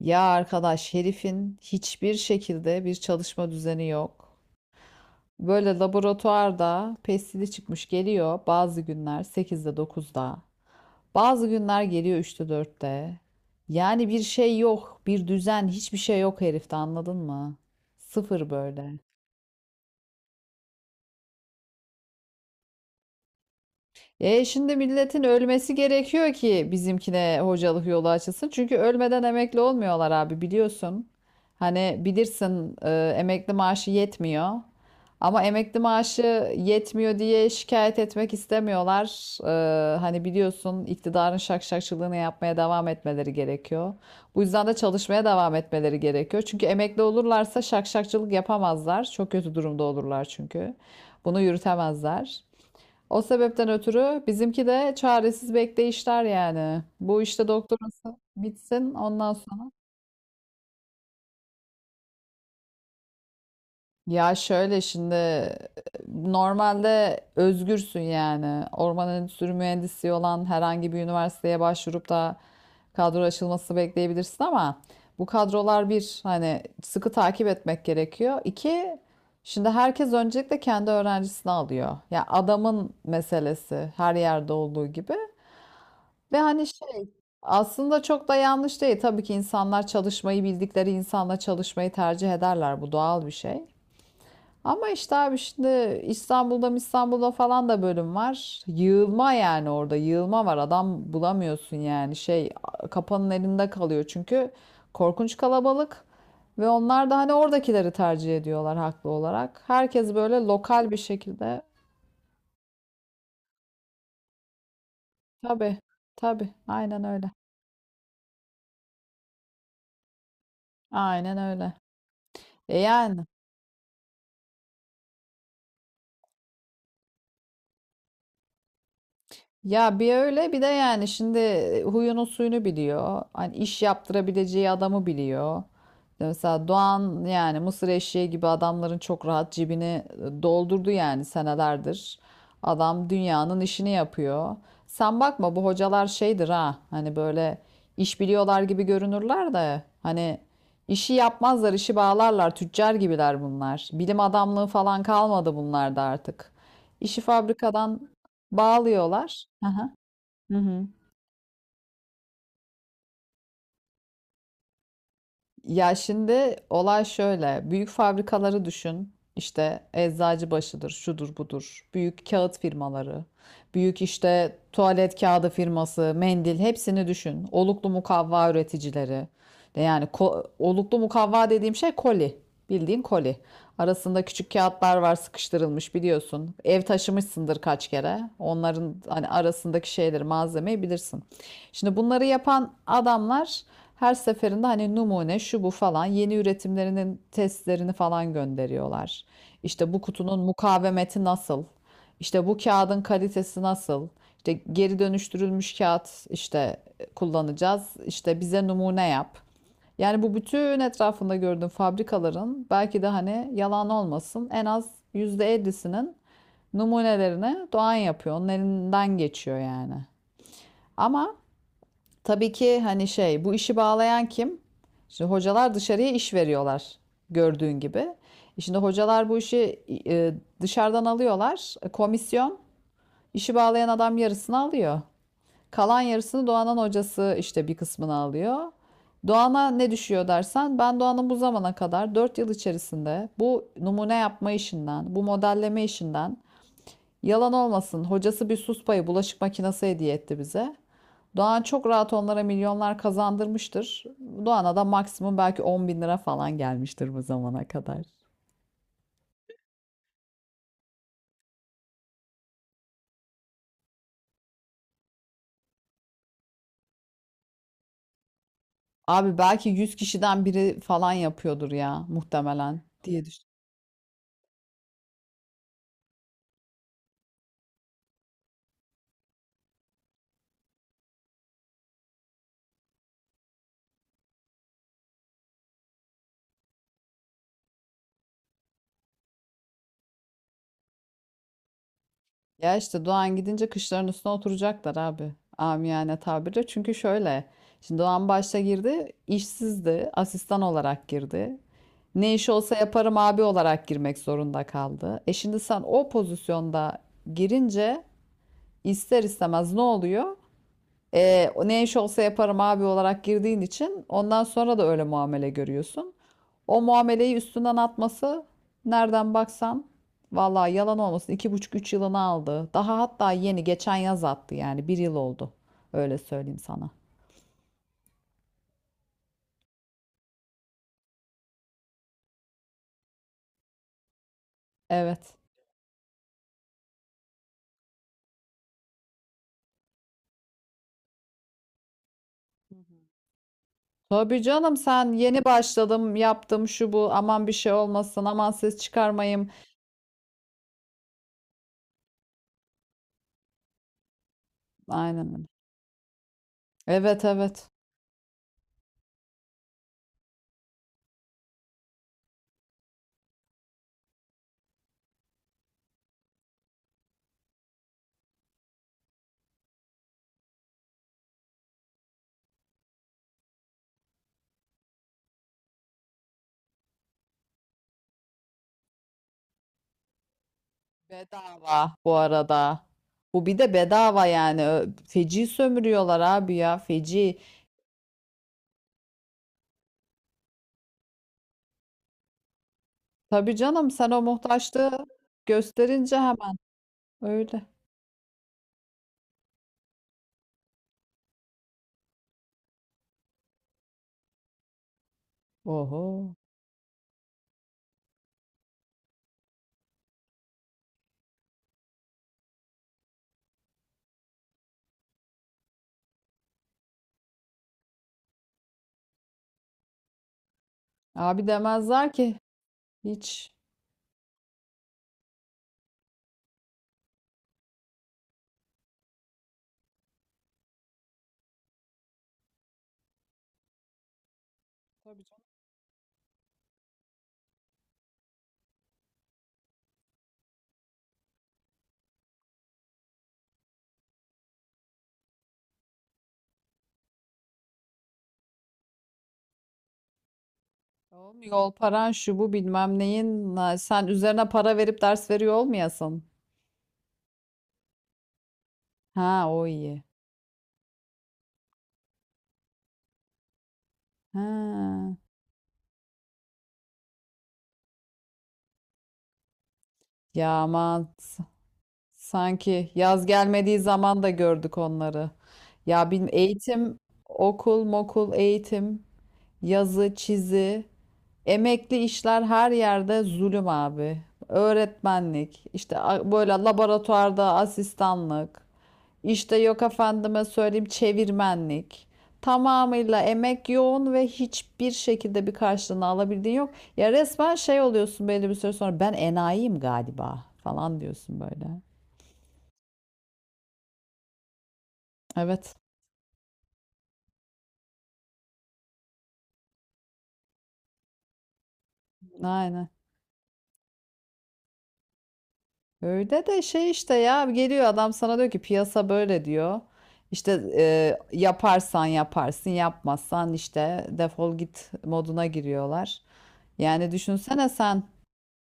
Ya arkadaş herifin hiçbir şekilde bir çalışma düzeni yok. Böyle laboratuvarda pestili çıkmış geliyor bazı günler sekizde dokuzda, bazı günler geliyor üçte dörtte. Yani bir şey yok, bir düzen, hiçbir şey yok herifte anladın mı? Sıfır böyle. E şimdi milletin ölmesi gerekiyor ki bizimkine hocalık yolu açılsın. Çünkü ölmeden emekli olmuyorlar abi biliyorsun. Hani bilirsin emekli maaşı yetmiyor. Ama emekli maaşı yetmiyor diye şikayet etmek istemiyorlar. E, hani biliyorsun iktidarın şakşakçılığını yapmaya devam etmeleri gerekiyor. Bu yüzden de çalışmaya devam etmeleri gerekiyor. Çünkü emekli olurlarsa şakşakçılık yapamazlar. Çok kötü durumda olurlar çünkü. Bunu yürütemezler. O sebepten ötürü bizimki de çaresiz bekleyişler yani. Bu işte doktorası bitsin ondan sonra. Ya şöyle şimdi normalde özgürsün yani. Orman Endüstri Mühendisliği olan herhangi bir üniversiteye başvurup da kadro açılması bekleyebilirsin ama bu kadrolar bir hani sıkı takip etmek gerekiyor. İki şimdi herkes öncelikle kendi öğrencisini alıyor. Ya adamın meselesi her yerde olduğu gibi. Ve hani şey aslında çok da yanlış değil. Tabii ki insanlar çalışmayı bildikleri insanla çalışmayı tercih ederler. Bu doğal bir şey. Ama işte abi şimdi İstanbul'da falan da bölüm var. Yığılma yani orada yığılma var. Adam bulamıyorsun yani şey kapanın elinde kalıyor çünkü korkunç kalabalık. Ve onlar da hani oradakileri tercih ediyorlar haklı olarak. Herkes böyle lokal bir şekilde. Tabii tabii aynen öyle. Aynen öyle. E yani. Ya bir öyle bir de yani şimdi huyunun suyunu biliyor. Hani iş yaptırabileceği adamı biliyor. Mesela Doğan yani mısır eşeği gibi adamların çok rahat cebini doldurdu yani senelerdir. Adam dünyanın işini yapıyor. Sen bakma bu hocalar şeydir ha hani böyle iş biliyorlar gibi görünürler de hani işi yapmazlar işi bağlarlar tüccar gibiler bunlar. Bilim adamlığı falan kalmadı bunlarda artık. İşi fabrikadan bağlıyorlar. Hı hı. Hı hı. Ya şimdi olay şöyle. Büyük fabrikaları düşün. İşte Eczacıbaşı'dır, şudur budur. Büyük kağıt firmaları, büyük işte tuvalet kağıdı firması, mendil hepsini düşün. Oluklu mukavva üreticileri. Yani oluklu mukavva dediğim şey koli. Bildiğin koli. Arasında küçük kağıtlar var sıkıştırılmış biliyorsun. Ev taşımışsındır kaç kere. Onların hani arasındaki şeyleri, malzemeyi bilirsin. Şimdi bunları yapan adamlar her seferinde hani numune şu bu falan yeni üretimlerinin testlerini falan gönderiyorlar. İşte bu kutunun mukavemeti nasıl? İşte bu kağıdın kalitesi nasıl? İşte geri dönüştürülmüş kağıt işte kullanacağız. İşte bize numune yap. Yani bu bütün etrafında gördüğün fabrikaların belki de hani yalan olmasın en az %50'sinin numunelerini Doğan yapıyor. Onun elinden geçiyor yani. Ama tabii ki hani şey bu işi bağlayan kim? Şimdi hocalar dışarıya iş veriyorlar gördüğün gibi. E şimdi hocalar bu işi e, dışarıdan alıyorlar. E, komisyon işi bağlayan adam yarısını alıyor. Kalan yarısını Doğan'ın hocası işte bir kısmını alıyor. Doğan'a ne düşüyor dersen ben Doğan'ın bu zamana kadar 4 yıl içerisinde bu numune yapma işinden, bu modelleme işinden yalan olmasın hocası bir sus payı bulaşık makinesi hediye etti bize. Doğan çok rahat onlara milyonlar kazandırmıştır. Doğan'a da maksimum belki 10 bin lira falan gelmiştir bu zamana kadar. Abi belki 100 kişiden biri falan yapıyordur ya muhtemelen diye düşün. Ya işte Doğan gidince kışların üstüne oturacaklar abi. Amiyane tabirle. Çünkü şöyle. Şimdi Doğan başta girdi. İşsizdi. Asistan olarak girdi. Ne iş olsa yaparım abi olarak girmek zorunda kaldı. E şimdi sen o pozisyonda girince ister istemez ne oluyor? E, ne iş olsa yaparım abi olarak girdiğin için ondan sonra da öyle muamele görüyorsun. O muameleyi üstünden atması nereden baksan vallahi yalan olmasın iki buçuk üç yılını aldı. Daha hatta yeni geçen yaz attı yani bir yıl oldu. Öyle söyleyeyim sana. Evet. Tabii canım sen yeni başladım yaptım şu bu aman bir şey olmasın aman ses çıkarmayayım. Aynen öyle. Evet evet. Bedava bu arada. Bu bir de bedava yani. Feci sömürüyorlar abi ya feci. Tabii canım sen o muhtaçlığı gösterince hemen öyle. Oho. Abi demezler ki hiç. Oğlum yol paran şu bu bilmem neyin. Sen üzerine para verip ders veriyor olmayasın. Ha o iyi. Ha. Ya aman sanki yaz gelmediği zaman da gördük onları. Ya bilmem eğitim, okul, mokul, eğitim, yazı, çizi, emekli işler her yerde zulüm abi. Öğretmenlik, işte böyle laboratuvarda asistanlık. İşte yok efendime söyleyeyim çevirmenlik. Tamamıyla emek yoğun ve hiçbir şekilde bir karşılığını alabildiğin yok. Ya resmen şey oluyorsun belli bir süre sonra ben enayiyim galiba falan diyorsun böyle. Evet, aynen. Öyle de şey işte ya geliyor adam sana diyor ki piyasa böyle diyor. İşte yaparsan yaparsın yapmazsan işte defol git moduna giriyorlar. Yani düşünsene sen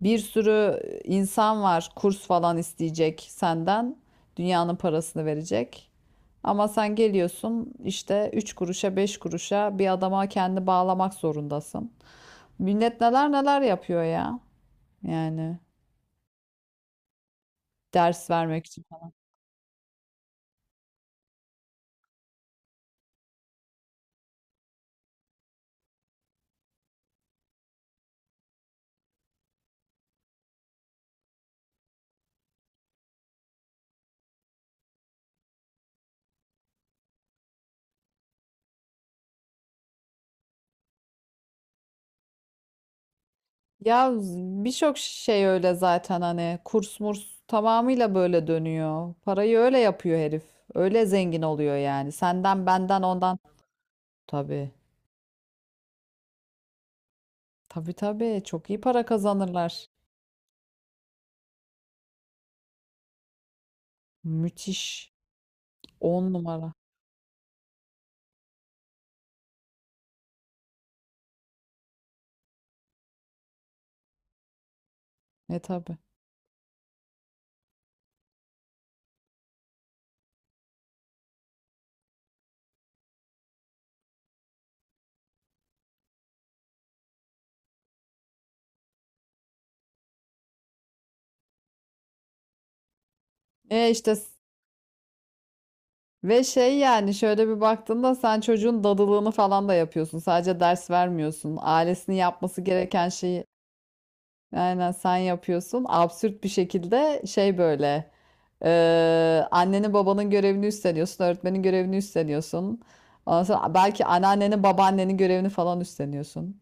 bir sürü insan var kurs falan isteyecek senden. Dünyanın parasını verecek. Ama sen geliyorsun işte 3 kuruşa 5 kuruşa bir adama kendi bağlamak zorundasın. Millet neler neler yapıyor ya. Yani ders vermek için. Ya birçok şey öyle zaten hani kurs murs tamamıyla böyle dönüyor. Parayı öyle yapıyor herif. Öyle zengin oluyor yani. Senden benden ondan. Tabii. Tabii tabii çok iyi para kazanırlar. Müthiş. On numara. E tabii. E işte ve şey yani şöyle bir baktığında sen çocuğun dadılığını falan da yapıyorsun. Sadece ders vermiyorsun. Ailesinin yapması gereken şeyi aynen sen yapıyorsun. Absürt bir şekilde şey böyle e, annenin babanın görevini üstleniyorsun. Öğretmenin görevini üstleniyorsun. Ondan sonra belki anneannenin babaannenin görevini falan üstleniyorsun.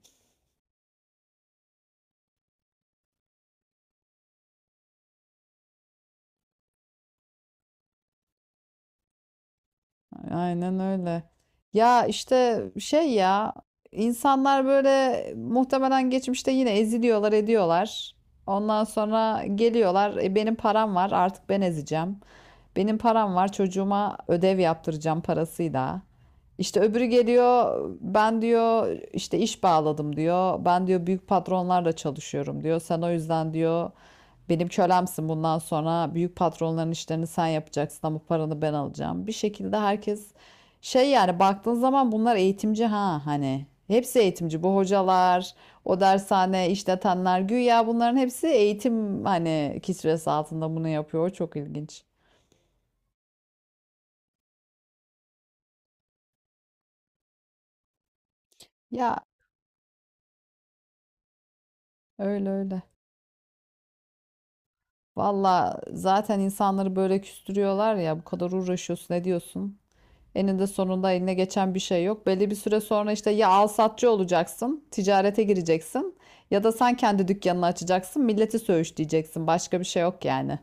Aynen öyle. Ya işte şey ya insanlar böyle muhtemelen geçmişte yine eziliyorlar ediyorlar. Ondan sonra geliyorlar "E, benim param var artık ben ezeceğim. Benim param var çocuğuma ödev yaptıracağım parasıyla. İşte öbürü geliyor ben diyor işte iş bağladım diyor. Ben diyor büyük patronlarla çalışıyorum diyor. Sen o yüzden diyor benim kölemsin bundan sonra büyük patronların işlerini sen yapacaksın ama paranı ben alacağım. Bir şekilde herkes şey yani baktığın zaman bunlar eğitimci ha hani. Hepsi eğitimci bu hocalar, o dershane işletenler güya bunların hepsi eğitim hani kisvesi altında bunu yapıyor. O çok ilginç. Ya öyle öyle. Valla zaten insanları böyle küstürüyorlar ya bu kadar uğraşıyorsun ne diyorsun? Eninde sonunda eline geçen bir şey yok. Belli bir süre sonra işte ya alsatçı olacaksın, ticarete gireceksin ya da sen kendi dükkanını açacaksın, milleti söğüşleyeceksin. Başka bir şey yok yani.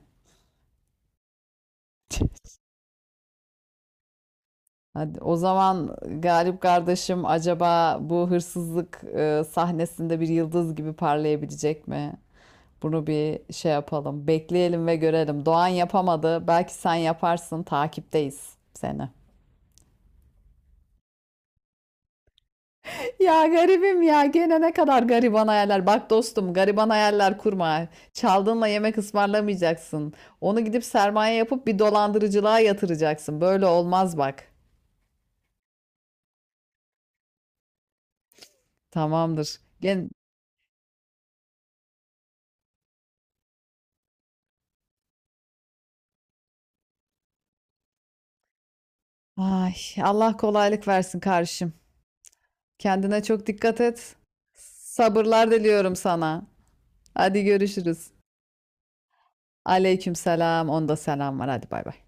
Hadi o zaman Galip kardeşim acaba bu hırsızlık sahnesinde bir yıldız gibi parlayabilecek mi? Bunu bir şey yapalım. Bekleyelim ve görelim. Doğan yapamadı. Belki sen yaparsın. Takipteyiz seni. Ya garibim ya gene ne kadar gariban hayaller. Bak dostum gariban hayaller kurma. Çaldığınla yemek ısmarlamayacaksın. Onu gidip sermaye yapıp bir dolandırıcılığa yatıracaksın. Böyle olmaz bak. Tamamdır. Gel. Ay, Allah kolaylık versin kardeşim. Kendine çok dikkat et. Sabırlar diliyorum sana. Hadi görüşürüz. Aleyküm selam. Onda selam var. Hadi bay bay.